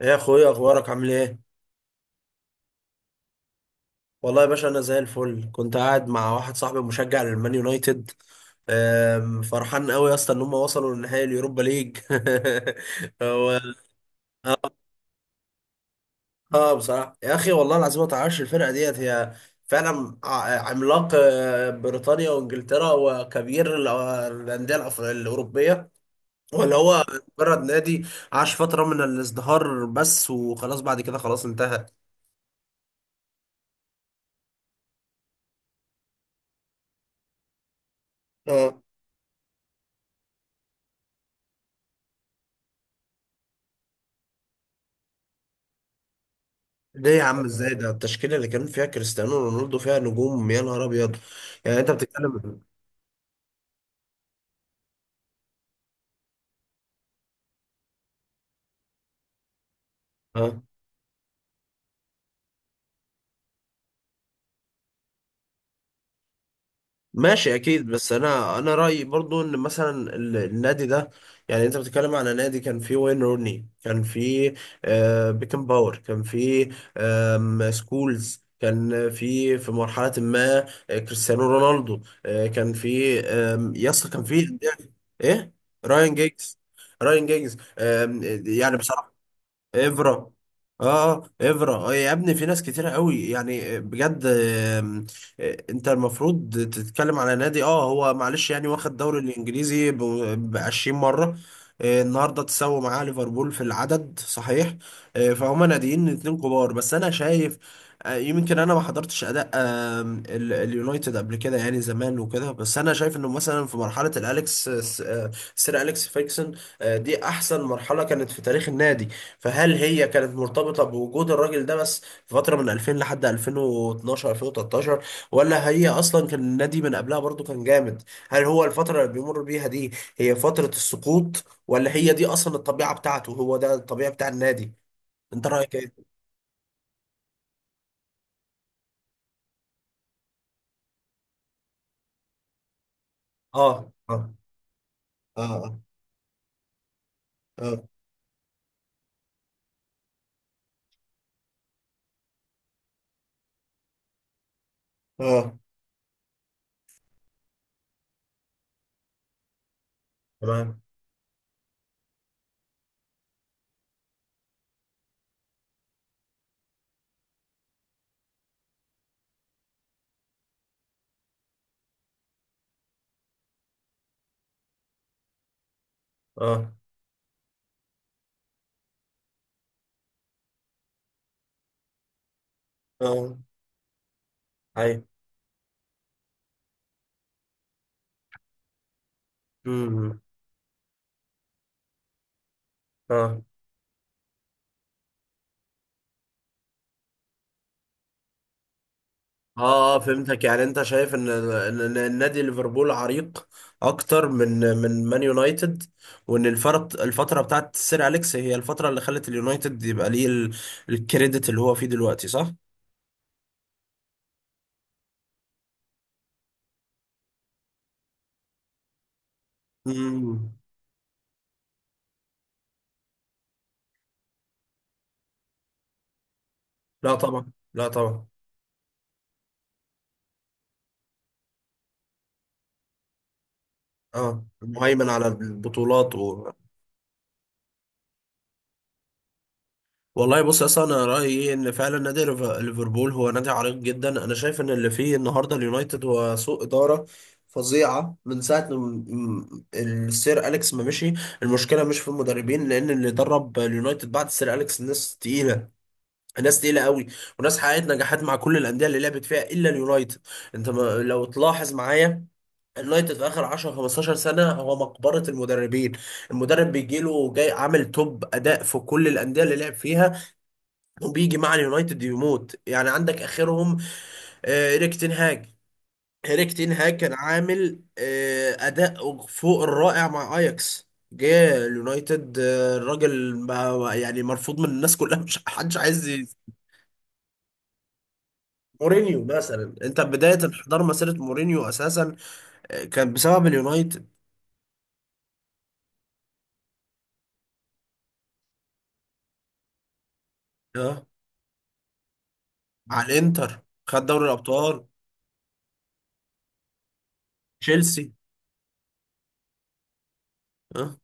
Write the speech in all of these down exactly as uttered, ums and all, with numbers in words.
ايه يا اخويا، اخبارك؟ عامل ايه؟ والله يا باشا، انا زي الفل. كنت قاعد مع واحد صاحبي مشجع للمان يونايتد. أم، فرحان قوي يا اسطى ان هم وصلوا لنهائي اليوروبا ليج. هو. اه، بصراحه يا اخي، والله العظيم ما تعرفش الفرقه ديت هي فعلا ع- عملاق، آه، بريطانيا وانجلترا وكبير ال- الانديه الأف- الاوروبيه، ولا هو مجرد نادي عاش فتره من الازدهار بس، وخلاص بعد كده خلاص انتهى. اه، ليه يا عم؟ ازاي؟ ده التشكيله اللي كان فيها كريستيانو رونالدو فيها نجوم، يا نهار ابيض! يعني انت بتتكلم. اه ماشي، اكيد، بس انا انا رايي برضو ان مثلا ال- النادي ده. يعني انت بتتكلم على نادي كان فيه وين روني، كان فيه آه بيكن باور، كان فيه آم، سكولز، كان في في مرحلة ما، آه، كريستيانو رونالدو آه، كان في، آم، يس كان في. ايه؟ راين جيجز. راين جيجز آم، يعني بصراحة. افرا. اه افرا، آه يا ابني في ناس كتيرة قوي يعني بجد آم، آه، انت المفروض تتكلم على نادي. اه، هو معلش يعني، واخد الدوري الانجليزي ب عشرين مرة. آه، النهارده تساوي معاه ليفربول في العدد، صحيح. آه، فهم ناديين اتنين كبار، بس انا شايف. آه، يمكن انا ما حضرتش اداء آم، ال- اليونايتد قبل كده يعني، زمان وكده، بس انا شايف انه مثلا في مرحله الاليكس، آه، سير اليكس فيكسون، آه، دي احسن مرحله كانت في تاريخ النادي. فهل هي كانت مرتبطة بوجود الراجل ده بس في فترة من ألفين لحد ألفين واتناشر ألفين وتلتاشر؟ ولا هي أصلا كان النادي من قبلها برضو كان جامد؟ هل هو الفترة اللي بيمر بيها دي هي فترة السقوط؟ ولا هي دي أصلا الطبيعة بتاعته؟ هو ده الطبيعة بتاع النادي. أنت رأيك إيه؟ آه، آه، آه، آه، آه، آه. تمام. آه، آه، أي. مم. آه، اه. آه، فهمتك، يعني انت شايف ان ان إن النادي ليفربول عريق اكتر من من مان يونايتد، وان الفرط الفتره بتاعت سير اليكس هي الفتره اللي خلت اليونايتد يبقى ليه ال- الكريدت اللي هو فيه دلوقتي، صح؟ امم، لا طبعا، لا طبعا. اه، مهيمن على البطولات. والله بص يا اسطى، انا رايي إيه؟ ان فعلا نادي ليف- ليفربول هو نادي عريق جدا. انا شايف ان اللي فيه النهارده اليونايتد هو سوء اداره فظيعه من ساعه م- م- السير اليكس ما مشي. المشكله مش في المدربين، لان اللي درب اليونايتد بعد السير اليكس ناس تقيله، ناس تقيله قوي، وناس حققت نجاحات مع كل الانديه اللي لعبت فيها الا اليونايتد. انت ما لو تلاحظ معايا، اليونايتد في اخر عشرة خمستاشر سنه هو مقبره المدربين. المدرب بيجيله جاي عامل توب اداء في كل الانديه اللي لعب فيها، وبيجي مع اليونايتد يموت. يعني عندك اخرهم، آه، ايريك تين هاج. ايريك تين هاج كان عامل آه، اداء فوق الرائع مع اياكس. جه اليونايتد، آه، الراجل بقى يعني مرفوض من الناس كلها، مش حدش عايز ي- مورينيو مثلا، انت بداية انحدار مسيرة مورينيو اساسا، آه، كان بسبب اليونايتد. اه، على الانتر خد دوري الابطال. تشيلسي. اه،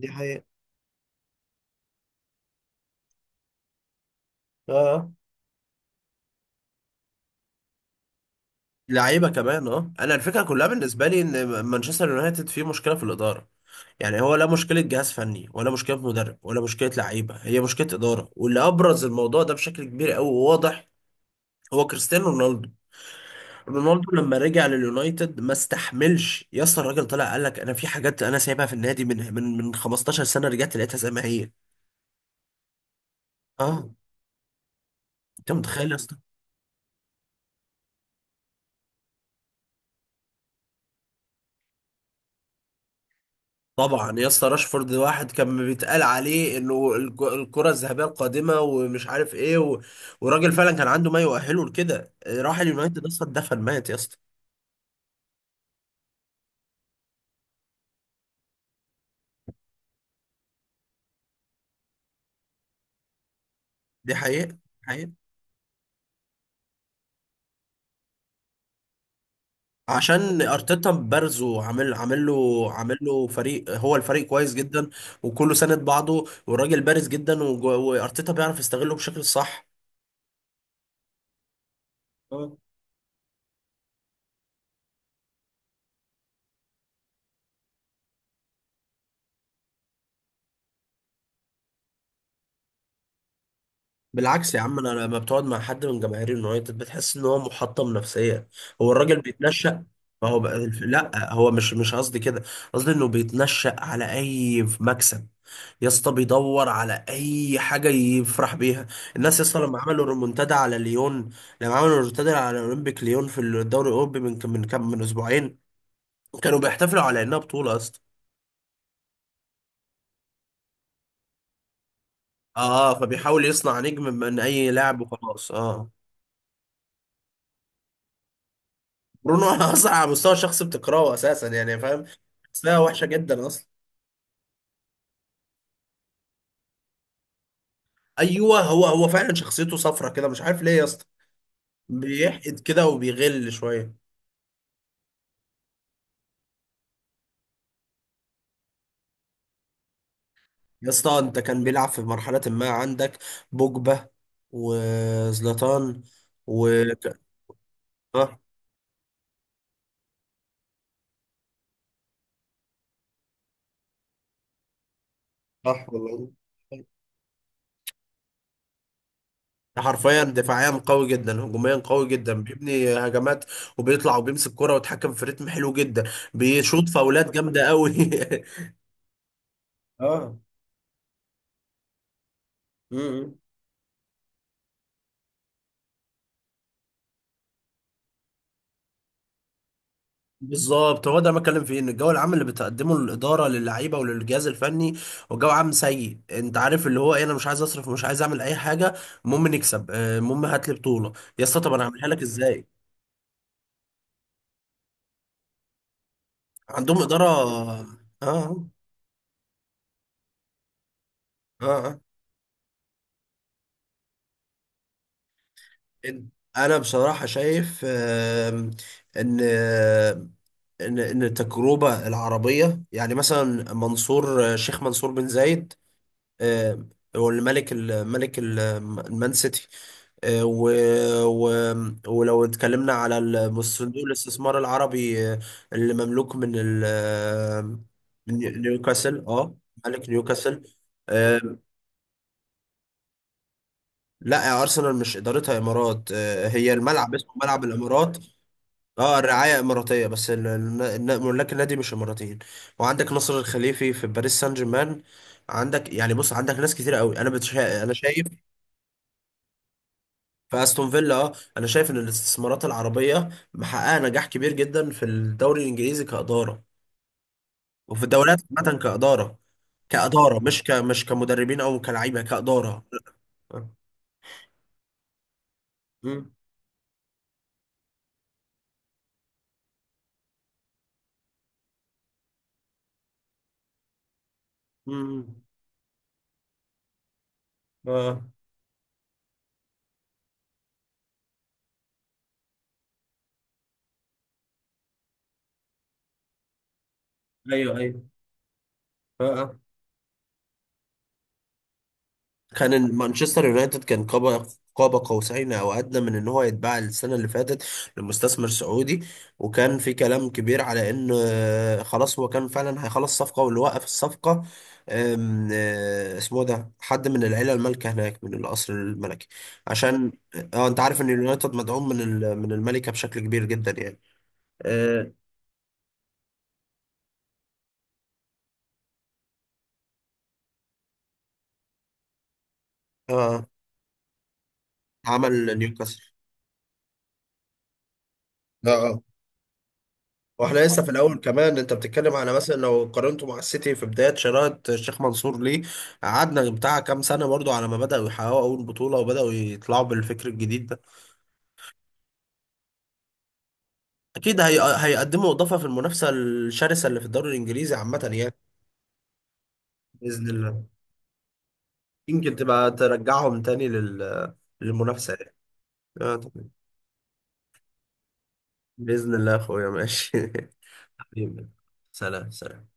دي حقيقة. اه، آه. لعيبه كمان. اه، انا الفكره كلها بالنسبه لي ان مانشستر يونايتد فيه مشكله في الاداره. يعني هو لا مشكله جهاز فني، ولا مشكله مدرب، ولا مشكله لعيبه، هي مشكله اداره، واللي ابرز الموضوع ده بشكل كبير قوي وواضح هو كريستيانو رونالدو. رونالدو لما رجع لليونايتد ما استحملش يا اسطى، الراجل طلع قال لك انا في حاجات انا سايبها في النادي من من من خمستاشر سنه، رجعت لقيتها زي ما هي. اه، انت متخيل يا اسطى؟ طبعا يا اسطى، راشفورد واحد كان بيتقال عليه انه الج- الكرة الذهبية القادمة ومش عارف ايه، و... وراجل فعلا كان عنده ما يؤهله لكده، راح اليونايتد اصلا دفن، مات يا اسطى. دي حقيقة. حقيقة. عشان ارتيتا بارزه، عامل عامل له عامل له فريق، هو الفريق كويس جدا، وكله ساند بعضه، والراجل بارز جدا، وج- وارتيتا بيعرف يستغله بشكل صح. بالعكس يا عم، انا لما بتقعد مع حد من جماهير اليونايتد بتحس ان هو محطم نفسيا، هو الراجل بيتنشأ. ما هو بقى الف- لا، هو مش مش قصدي كده. قصدي انه بيتنشأ على اي مكسب. يا اسطى، بيدور على اي حاجه يفرح بيها. الناس يا اسطى لما عملوا ريمونتادا على ليون، لما عملوا ريمونتادا على اولمبيك ليون في الدوري الاوروبي من كم من كم من اسبوعين، كانوا بيحتفلوا على انها بطوله يا اسطى. اه، فبيحاول يصنع نجم من اي لاعب وخلاص، اه. برونو. انا اصلا على مستوى شخص بتكرهه اساسا، يعني فاهم. شخصيه وحشه جدا اصلا. ايوه، هو هو فعلا شخصيته صفرة كده، مش عارف ليه يا اسطى. بيحقد كده وبيغل شويه. يا اسطى، انت كان بيلعب في مرحله ما عندك بوجبا، وزلاتان، و. اه، صح والله. حرفيا، دفاعيا قوي جدا، هجوميا قوي جدا، بيبني هجمات، وبيطلع وبيمسك كرة ويتحكم في رتم حلو جدا. بيشوط فاولات جامده قوي. اه، بالظبط. هو ده اللي بتكلم فيه، ان الجو العام اللي بتقدمه الاداره للعيبه وللجهاز الفني هو جو عام سيء. انت عارف اللي هو ايه؟ انا مش عايز اصرف ومش عايز اعمل اي حاجه، المهم نكسب، آه، المهم هات لي بطوله. يا اسطى، طب انا هعملها لك ازاي؟ عندهم اداره. اه، اه، آه. انا بصراحه شايف آم، ان ان ان التجربه العربيه، يعني مثلا منصور، آه، شيخ منصور بن زايد، آه، هو اللي ملك ال- ملك ال- المان سيتي، آه، و... و... ولو اتكلمنا على الم- صندوق الاستثمار العربي، آه، اللي مملوك من ال... آه، من نيو- نيوكاسل. اه، ملك نيوكاسل. آه، لا يا ارسنال مش ادارتها امارات، آه، هي الملعب اسمه ملعب الامارات. اه، الرعايه اماراتيه، بس ال- الن- الن- ملاك النادي مش اماراتيين. وعندك نصر الخليفي في باريس سان جيرمان. عندك، يعني بص، عندك ناس كتير قوي، انا بتشا... انا شايف. فاستون فيلا، اه، انا شايف ان الاستثمارات العربيه محققه نجاح كبير جدا في الدوري الانجليزي كاداره، وفي الدوريات عامه كاداره، كاداره، مش ك مش كمدربين او كلاعيبه، كاداره. امم. امم. اه، ايوه، ايوه، اه، آه. كان إن مانشستر يونايتد كان قاب قاب قوسين او ادنى من ان هو يتباع السنه اللي فاتت، لمستثمر سعودي. وكان في كلام كبير على ان، آه، خلاص هو كان فعلا هيخلص صفقه، واللي وقف الصفقه آم، آه، اسمه ده حد من العيله المالكه هناك، من القصر الملكي. عشان، اه، انت عارف ان اليونايتد مدعوم من ال- من الملكه بشكل كبير جدا يعني. اه، آه، عمل نيوكاسل. اه، واحنا لسه في الاول، كمان انت بتتكلم على مثلا لو قارنته مع السيتي في بدايه شراءة الشيخ منصور ليه، قعدنا بتاع كام سنه برضو على ما بداوا يحققوا اول بطوله وبداوا يطلعوا بالفكر الجديد ده. اكيد هي... آه، هيقدموا اضافه في المنافسه الشرسه اللي في الدوري الانجليزي عامه يعني. باذن الله، يمكن تبقى ترجعهم تاني لل... للمنافسه يعني. آه، طبعاً. باذن الله يا اخويا، ماشي. حبيبي، سلام، سلام.